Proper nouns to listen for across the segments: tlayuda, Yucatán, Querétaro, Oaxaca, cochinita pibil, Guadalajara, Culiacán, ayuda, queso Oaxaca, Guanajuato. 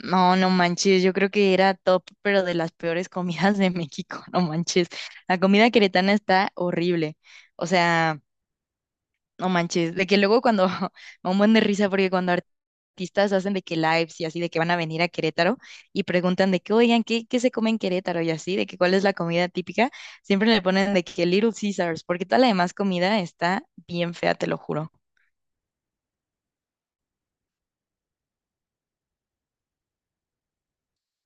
No, no manches, yo creo que era top, pero de las peores comidas de México, no manches. La comida queretana está horrible. O sea, no manches, de que luego cuando me da un buen de risa porque cuando artistas hacen de que lives y así de que van a venir a Querétaro y preguntan de que, "Oigan, ¿qué se come en Querétaro?" y así, de que cuál es la comida típica, siempre le ponen de que Little Caesars, porque toda la demás comida está bien fea, te lo juro.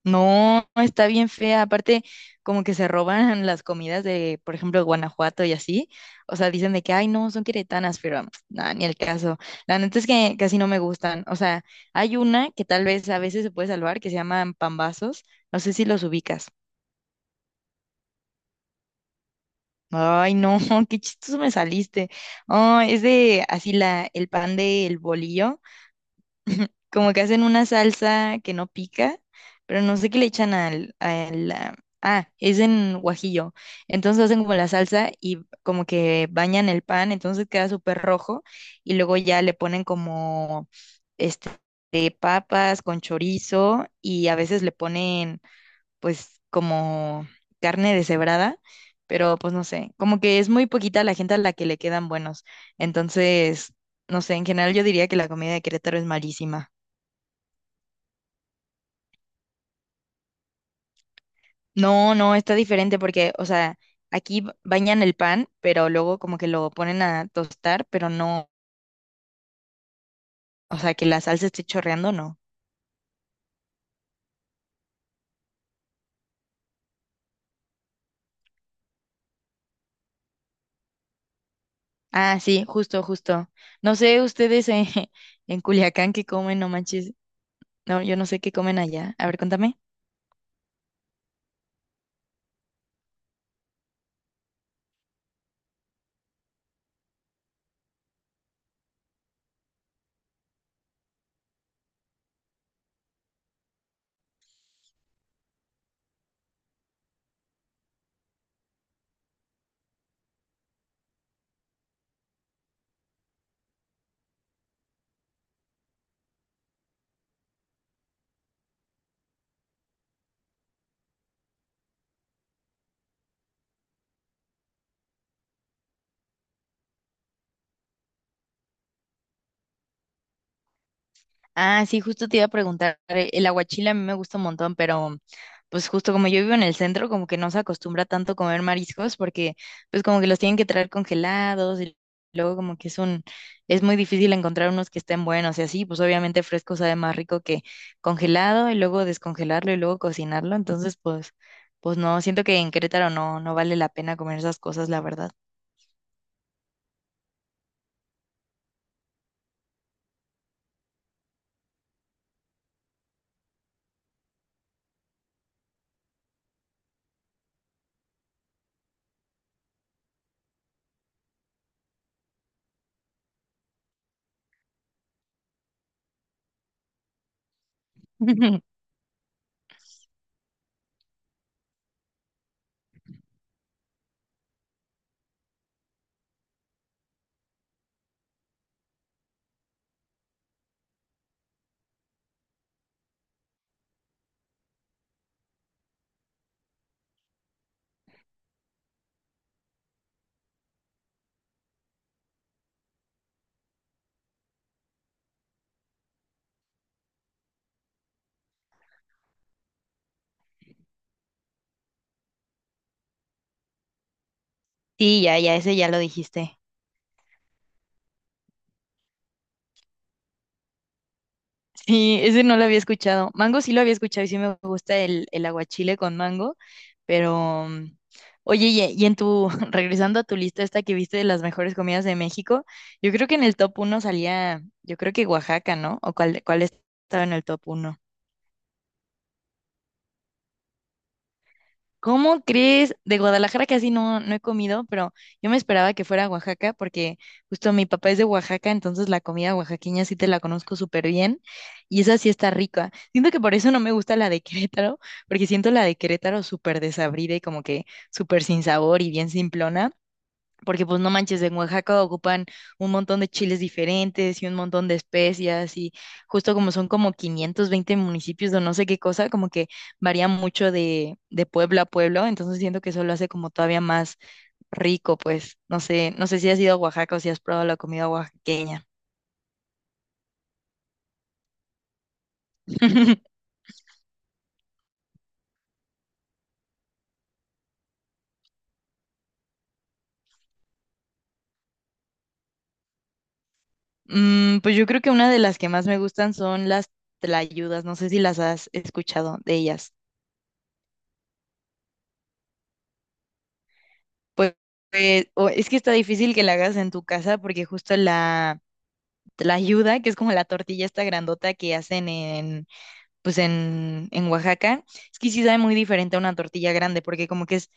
No, está bien fea. Aparte, como que se roban las comidas de, por ejemplo, Guanajuato y así. O sea, dicen de que, ay, no, son queretanas, pero nada, ni el caso. La neta es que casi no me gustan. O sea, hay una que tal vez a veces se puede salvar, que se llaman pambazos. No sé si los ubicas. Ay, no, qué chistoso me saliste. Oh, es de así el pan del bolillo, como que hacen una salsa que no pica, pero no sé qué le echan al, es en guajillo. Entonces hacen como la salsa y como que bañan el pan, entonces queda súper rojo y luego ya le ponen como este de papas con chorizo y a veces le ponen pues como carne deshebrada. Pero pues no sé, como que es muy poquita la gente a la que le quedan buenos. Entonces, no sé, en general yo diría que la comida de Querétaro es malísima. No, no, está diferente porque, o sea, aquí bañan el pan, pero luego como que lo ponen a tostar, pero no, o sea, que la salsa esté chorreando, no. Ah, sí, justo, justo. No sé ustedes en, en Culiacán qué comen, no manches. No, yo no sé qué comen allá. A ver, contame. Ah, sí, justo te iba a preguntar, el aguachile a mí me gusta un montón, pero pues justo como yo vivo en el centro, como que no se acostumbra tanto a comer mariscos porque pues como que los tienen que traer congelados y luego como que es un, es muy difícil encontrar unos que estén buenos y así, pues obviamente fresco sabe más rico que congelado y luego descongelarlo y luego cocinarlo, entonces pues, no, siento que en Querétaro no, no vale la pena comer esas cosas, la verdad. Sí, ya, ya, ese ya lo dijiste. Sí, ese no lo había escuchado. Mango sí lo había escuchado y sí me gusta el aguachile con mango, pero oye, y en tu, regresando a tu lista esta que viste de las mejores comidas de México, yo creo que en el top uno salía, yo creo que Oaxaca, ¿no? ¿O cuál estaba en el top uno? ¿Cómo crees? De Guadalajara casi no, no he comido, pero yo me esperaba que fuera a Oaxaca porque justo mi papá es de Oaxaca, entonces la comida oaxaqueña sí te la conozco súper bien y esa sí está rica. Siento que por eso no me gusta la de Querétaro, porque siento la de Querétaro súper desabrida y como que súper sin sabor y bien simplona porque pues no manches, en Oaxaca ocupan un montón de chiles diferentes y un montón de especias y justo como son como 520 municipios o no sé qué cosa, como que varía mucho de, pueblo a pueblo, entonces siento que eso lo hace como todavía más rico, pues no sé, no sé si has ido a Oaxaca o si has probado la comida oaxaqueña. Pues yo creo que una de las que más me gustan son las tlayudas, no sé si las has escuchado de ellas. Pues, pues, es que está difícil que la hagas en tu casa porque justo la ayuda, que es como la tortilla esta grandota que hacen en Oaxaca, es que sí sabe muy diferente a una tortilla grande, porque como que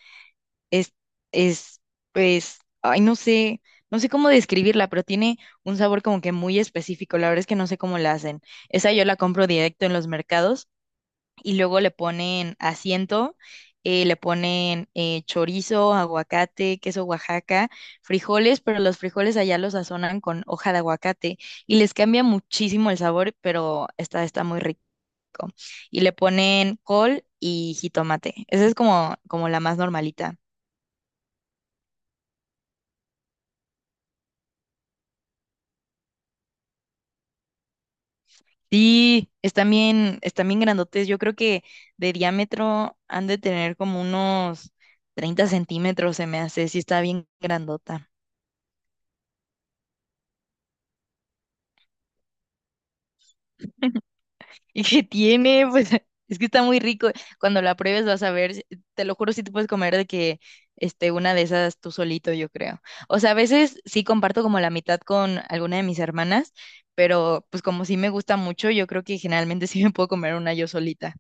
es, es, pues, ay, no sé, no sé cómo describirla, pero tiene un sabor como que muy específico, la verdad es que no sé cómo la hacen. Esa yo la compro directo en los mercados y luego le ponen asiento, le ponen chorizo, aguacate, queso Oaxaca, frijoles, pero los frijoles allá los sazonan con hoja de aguacate y les cambia muchísimo el sabor, pero está muy rico. Y le ponen col y jitomate. Esa es como la más normalita. Sí, están bien, grandotes. Yo creo que de diámetro han de tener como unos 30 centímetros, se me hace. Sí, está bien grandota. ¿Y qué tiene? Pues es que está muy rico. Cuando la pruebes vas a ver, te lo juro, si te puedes comer de que este, una de esas tú solito, yo creo. O sea, a veces sí comparto como la mitad con alguna de mis hermanas, pero pues como sí me gusta mucho, yo creo que generalmente sí me puedo comer una yo solita.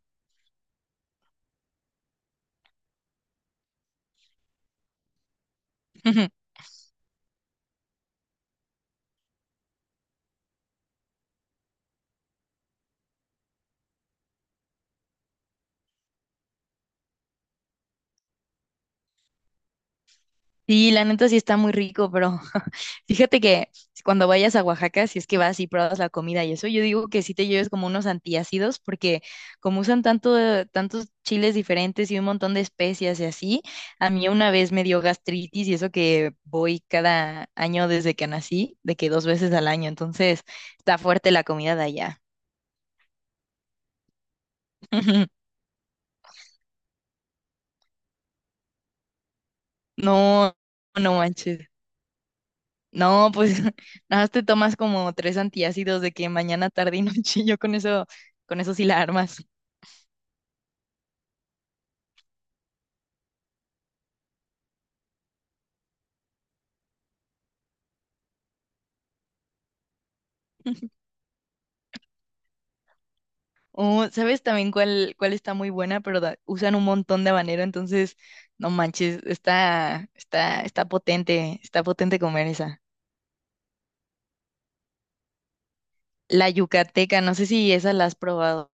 Sí, la neta sí está muy rico, pero fíjate que cuando vayas a Oaxaca, si es que vas y pruebas la comida y eso, yo digo que sí te lleves como unos antiácidos, porque como usan tanto, tantos chiles diferentes y un montón de especias y así, a mí una vez me dio gastritis y eso que voy cada año desde que nací, de que dos veces al año, entonces está fuerte la comida de allá. No, no manches. No, pues nada más te tomas como tres antiácidos de que mañana, tarde y noche, yo con eso sí la armas. O, ¿sabes también cuál está muy buena? Pero usan un montón de habanero, entonces, no manches, está potente, está potente comer esa. La yucateca, no sé si esa la has probado.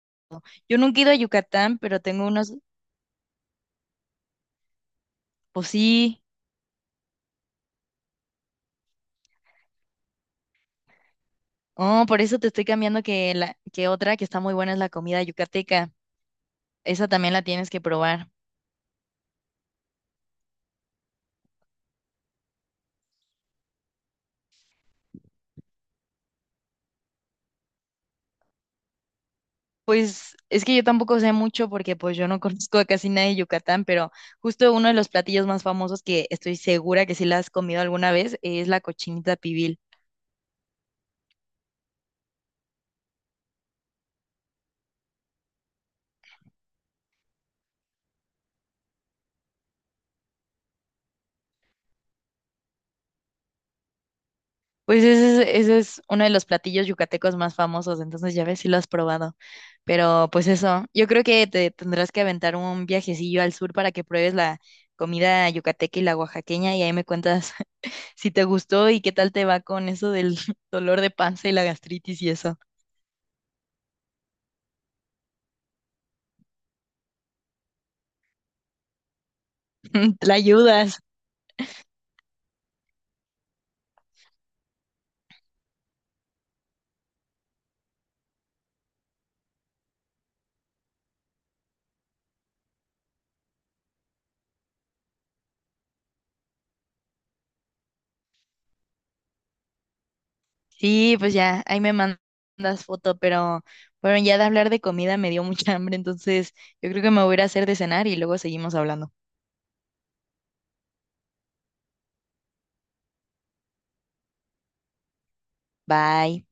Yo nunca he ido a Yucatán, pero tengo unos, pues sí. Oh, por eso te estoy cambiando que que otra que está muy buena es la comida yucateca. Esa también la tienes que probar. Pues es que yo tampoco sé mucho porque pues yo no conozco a casi nadie de Yucatán, pero justo uno de los platillos más famosos que estoy segura que sí la has comido alguna vez es la cochinita pibil. Pues ese es uno de los platillos yucatecos más famosos, entonces ya ves si lo has probado. Pero pues eso, yo creo que te tendrás que aventar un viajecillo al sur para que pruebes la comida yucateca y la oaxaqueña y ahí me cuentas si te gustó y qué tal te va con eso del dolor de panza y la gastritis y eso. la ayudas. Sí, pues ya, ahí me mandas foto, pero bueno, ya de hablar de comida me dio mucha hambre, entonces yo creo que me voy a ir a hacer de cenar y luego seguimos hablando. Bye.